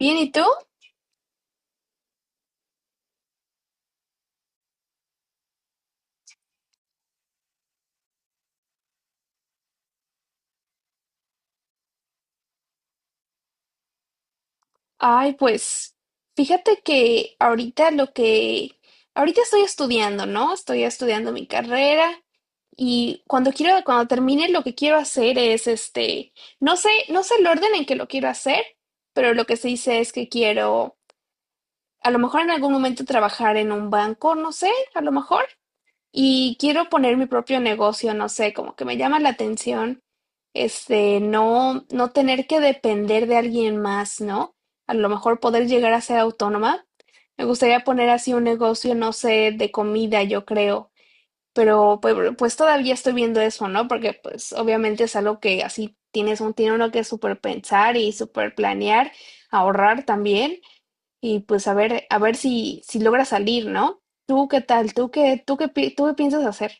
Bien, ¿y tú? Ay, pues fíjate que ahorita ahorita estoy estudiando, ¿no? Estoy estudiando mi carrera y cuando termine lo que quiero hacer es este, no sé el orden en que lo quiero hacer, pero lo que se dice es que quiero, a lo mejor en algún momento trabajar en un banco, no sé, a lo mejor. Y quiero poner mi propio negocio, no sé, como que me llama la atención, este, no tener que depender de alguien más, ¿no? A lo mejor poder llegar a ser autónoma. Me gustaría poner así un negocio, no sé, de comida, yo creo, pero pues todavía estoy viendo eso, ¿no? Porque pues obviamente es algo que así tiene uno que súper pensar y súper planear, ahorrar también. Y pues a ver si logra salir, ¿no? ¿Tú qué tal? Tú qué piensas hacer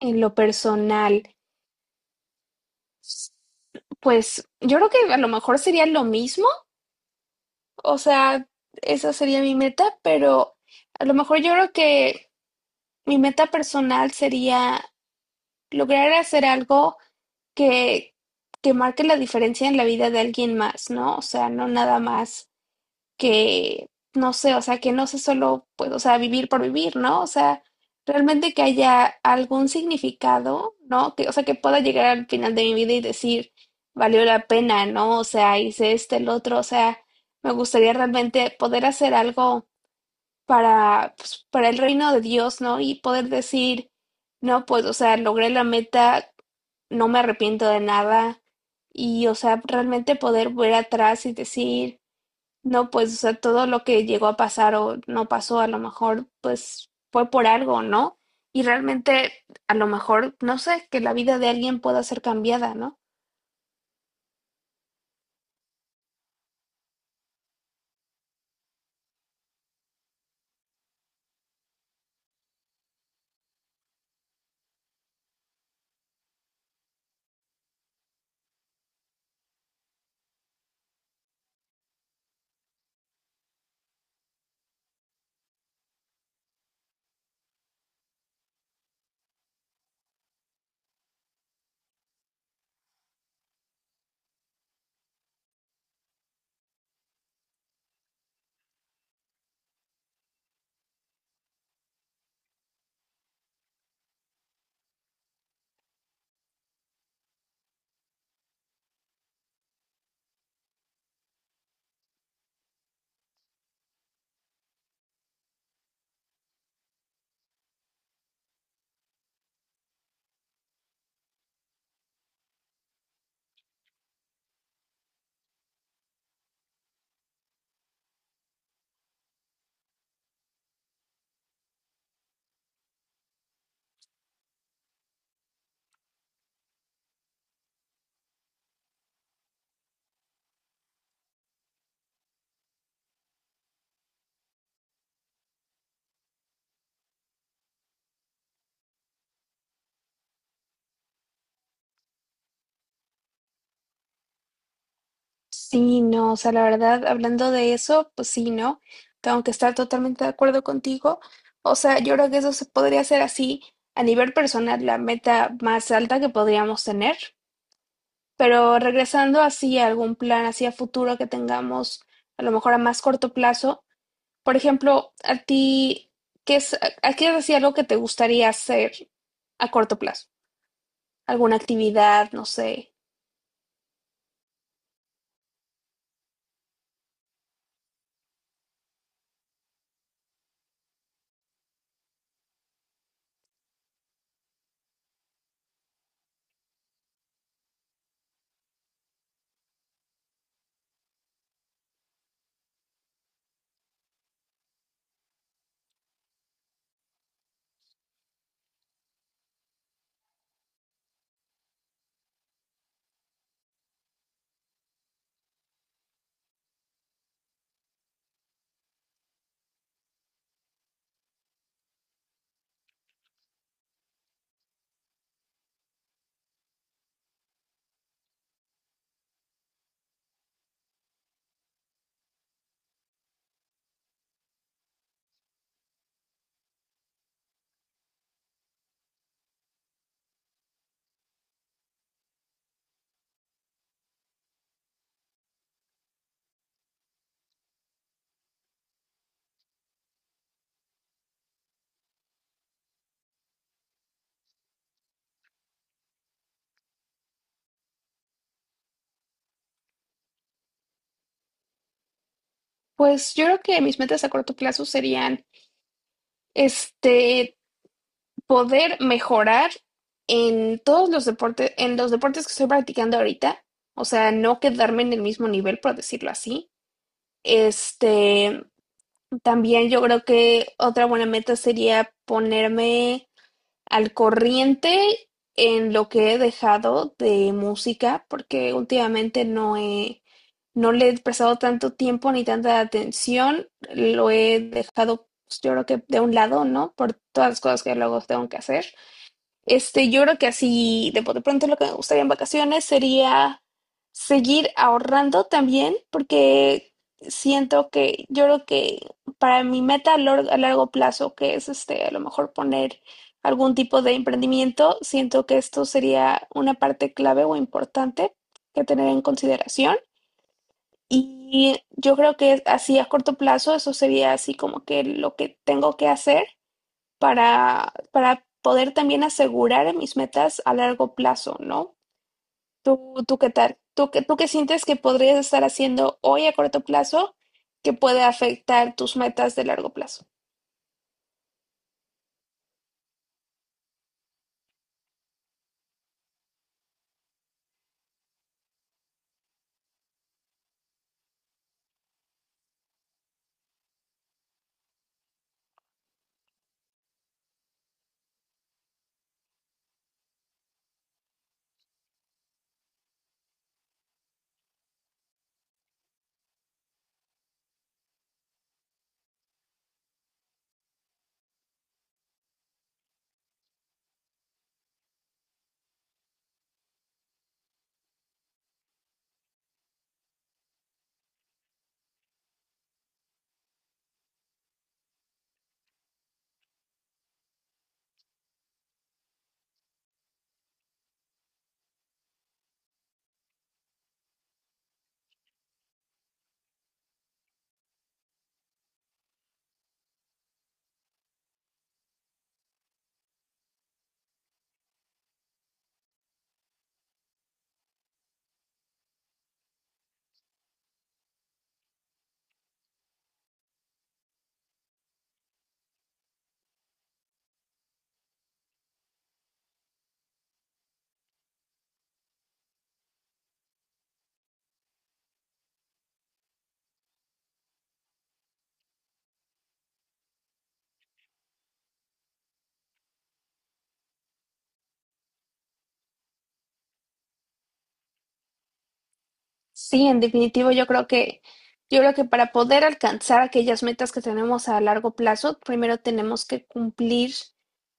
en lo personal? Pues yo creo que a lo mejor sería lo mismo, o sea, esa sería mi meta, pero a lo mejor yo creo que mi meta personal sería lograr hacer algo que, que marque la diferencia en la vida de alguien más, ¿no? O sea, no nada más que, no sé, o sea, que no sea solo, pues, o sea, vivir por vivir, ¿no? O sea, realmente que haya algún significado, ¿no? Que, o sea, que pueda llegar al final de mi vida y decir, valió la pena, ¿no? O sea, hice este, el otro, o sea, me gustaría realmente poder hacer algo para el reino de Dios, ¿no? Y poder decir, no, pues, o sea, logré la meta, no me arrepiento de nada. Y, o sea, realmente poder ver atrás y decir, no, pues, o sea, todo lo que llegó a pasar o no pasó, a lo mejor, pues, fue por algo, ¿no? Y realmente, a lo mejor, no sé, que la vida de alguien pueda ser cambiada, ¿no? Sí, no, o sea, la verdad, hablando de eso, pues sí, ¿no? Tengo que estar totalmente de acuerdo contigo. O sea, yo creo que eso se podría hacer así, a nivel personal, la meta más alta que podríamos tener. Pero regresando así a algún plan, así a futuro que tengamos, a lo mejor a más corto plazo. Por ejemplo, a ti, ¿qué es, a qué es así algo que te gustaría hacer a corto plazo? ¿Alguna actividad? No sé. Pues yo creo que mis metas a corto plazo serían, este, poder mejorar en todos los deportes, en los deportes que estoy practicando ahorita. O sea, no quedarme en el mismo nivel, por decirlo así. Este, también yo creo que otra buena meta sería ponerme al corriente en lo que he dejado de música, porque últimamente no he, no le he prestado tanto tiempo ni tanta atención, lo he dejado, pues, yo creo que de un lado, ¿no? Por todas las cosas que luego tengo que hacer. Este, yo creo que así de pronto lo que me gustaría en vacaciones sería seguir ahorrando también, porque siento que yo creo que para mi meta a, lor- a largo plazo, que es este, a lo mejor poner algún tipo de emprendimiento, siento que esto sería una parte clave o importante que tener en consideración. Y yo creo que así a corto plazo, eso sería así como que lo que tengo que hacer para poder también asegurar mis metas a largo plazo, ¿no? ¿Tú qué tal? ¿Tú qué sientes que podrías estar haciendo hoy a corto plazo que puede afectar tus metas de largo plazo? Sí, en definitivo, yo creo que para poder alcanzar aquellas metas que tenemos a largo plazo, primero tenemos que cumplir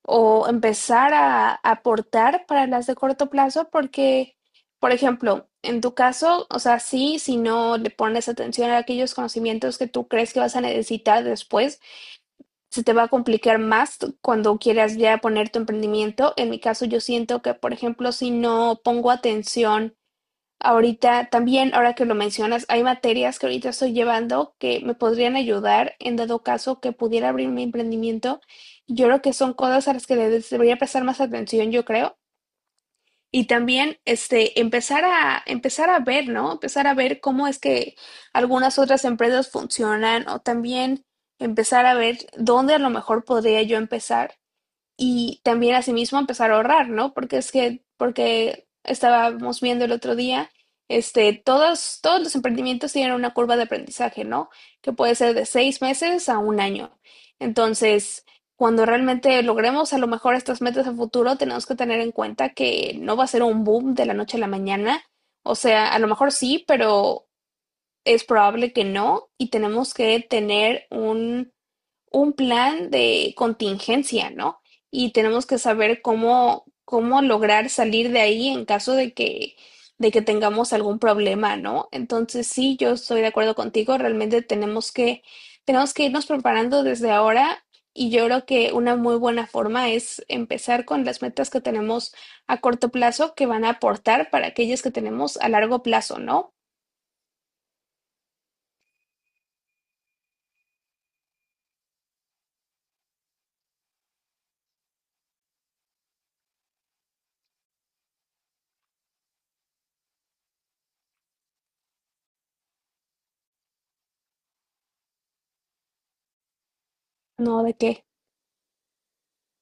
o empezar a aportar para las de corto plazo, porque, por ejemplo, en tu caso, o sea, sí, si no le pones atención a aquellos conocimientos que tú crees que vas a necesitar después, se te va a complicar más cuando quieras ya poner tu emprendimiento. En mi caso, yo siento que, por ejemplo, si no pongo atención ahorita también, ahora que lo mencionas, hay materias que ahorita estoy llevando que me podrían ayudar en dado caso que pudiera abrir mi emprendimiento. Yo creo que son cosas a las que les debería prestar más atención, yo creo. Y también, este, empezar a ver, ¿no? Empezar a ver cómo es que algunas otras empresas funcionan o también empezar a ver dónde a lo mejor podría yo empezar y también asimismo empezar a ahorrar, ¿no? Porque es que, porque estábamos viendo el otro día, este, todos los emprendimientos tienen una curva de aprendizaje, ¿no? Que puede ser de 6 meses a un año. Entonces, cuando realmente logremos a lo mejor estas metas a futuro, tenemos que tener en cuenta que no va a ser un boom de la noche a la mañana. O sea, a lo mejor sí, pero es probable que no. Y tenemos que tener un plan de contingencia, ¿no? Y tenemos que saber cómo lograr salir de ahí en caso de que, tengamos algún problema, ¿no? Entonces, sí, yo estoy de acuerdo contigo, realmente tenemos que irnos preparando desde ahora. Y yo creo que una muy buena forma es empezar con las metas que tenemos a corto plazo que van a aportar para aquellas que tenemos a largo plazo, ¿no? No, ¿de qué?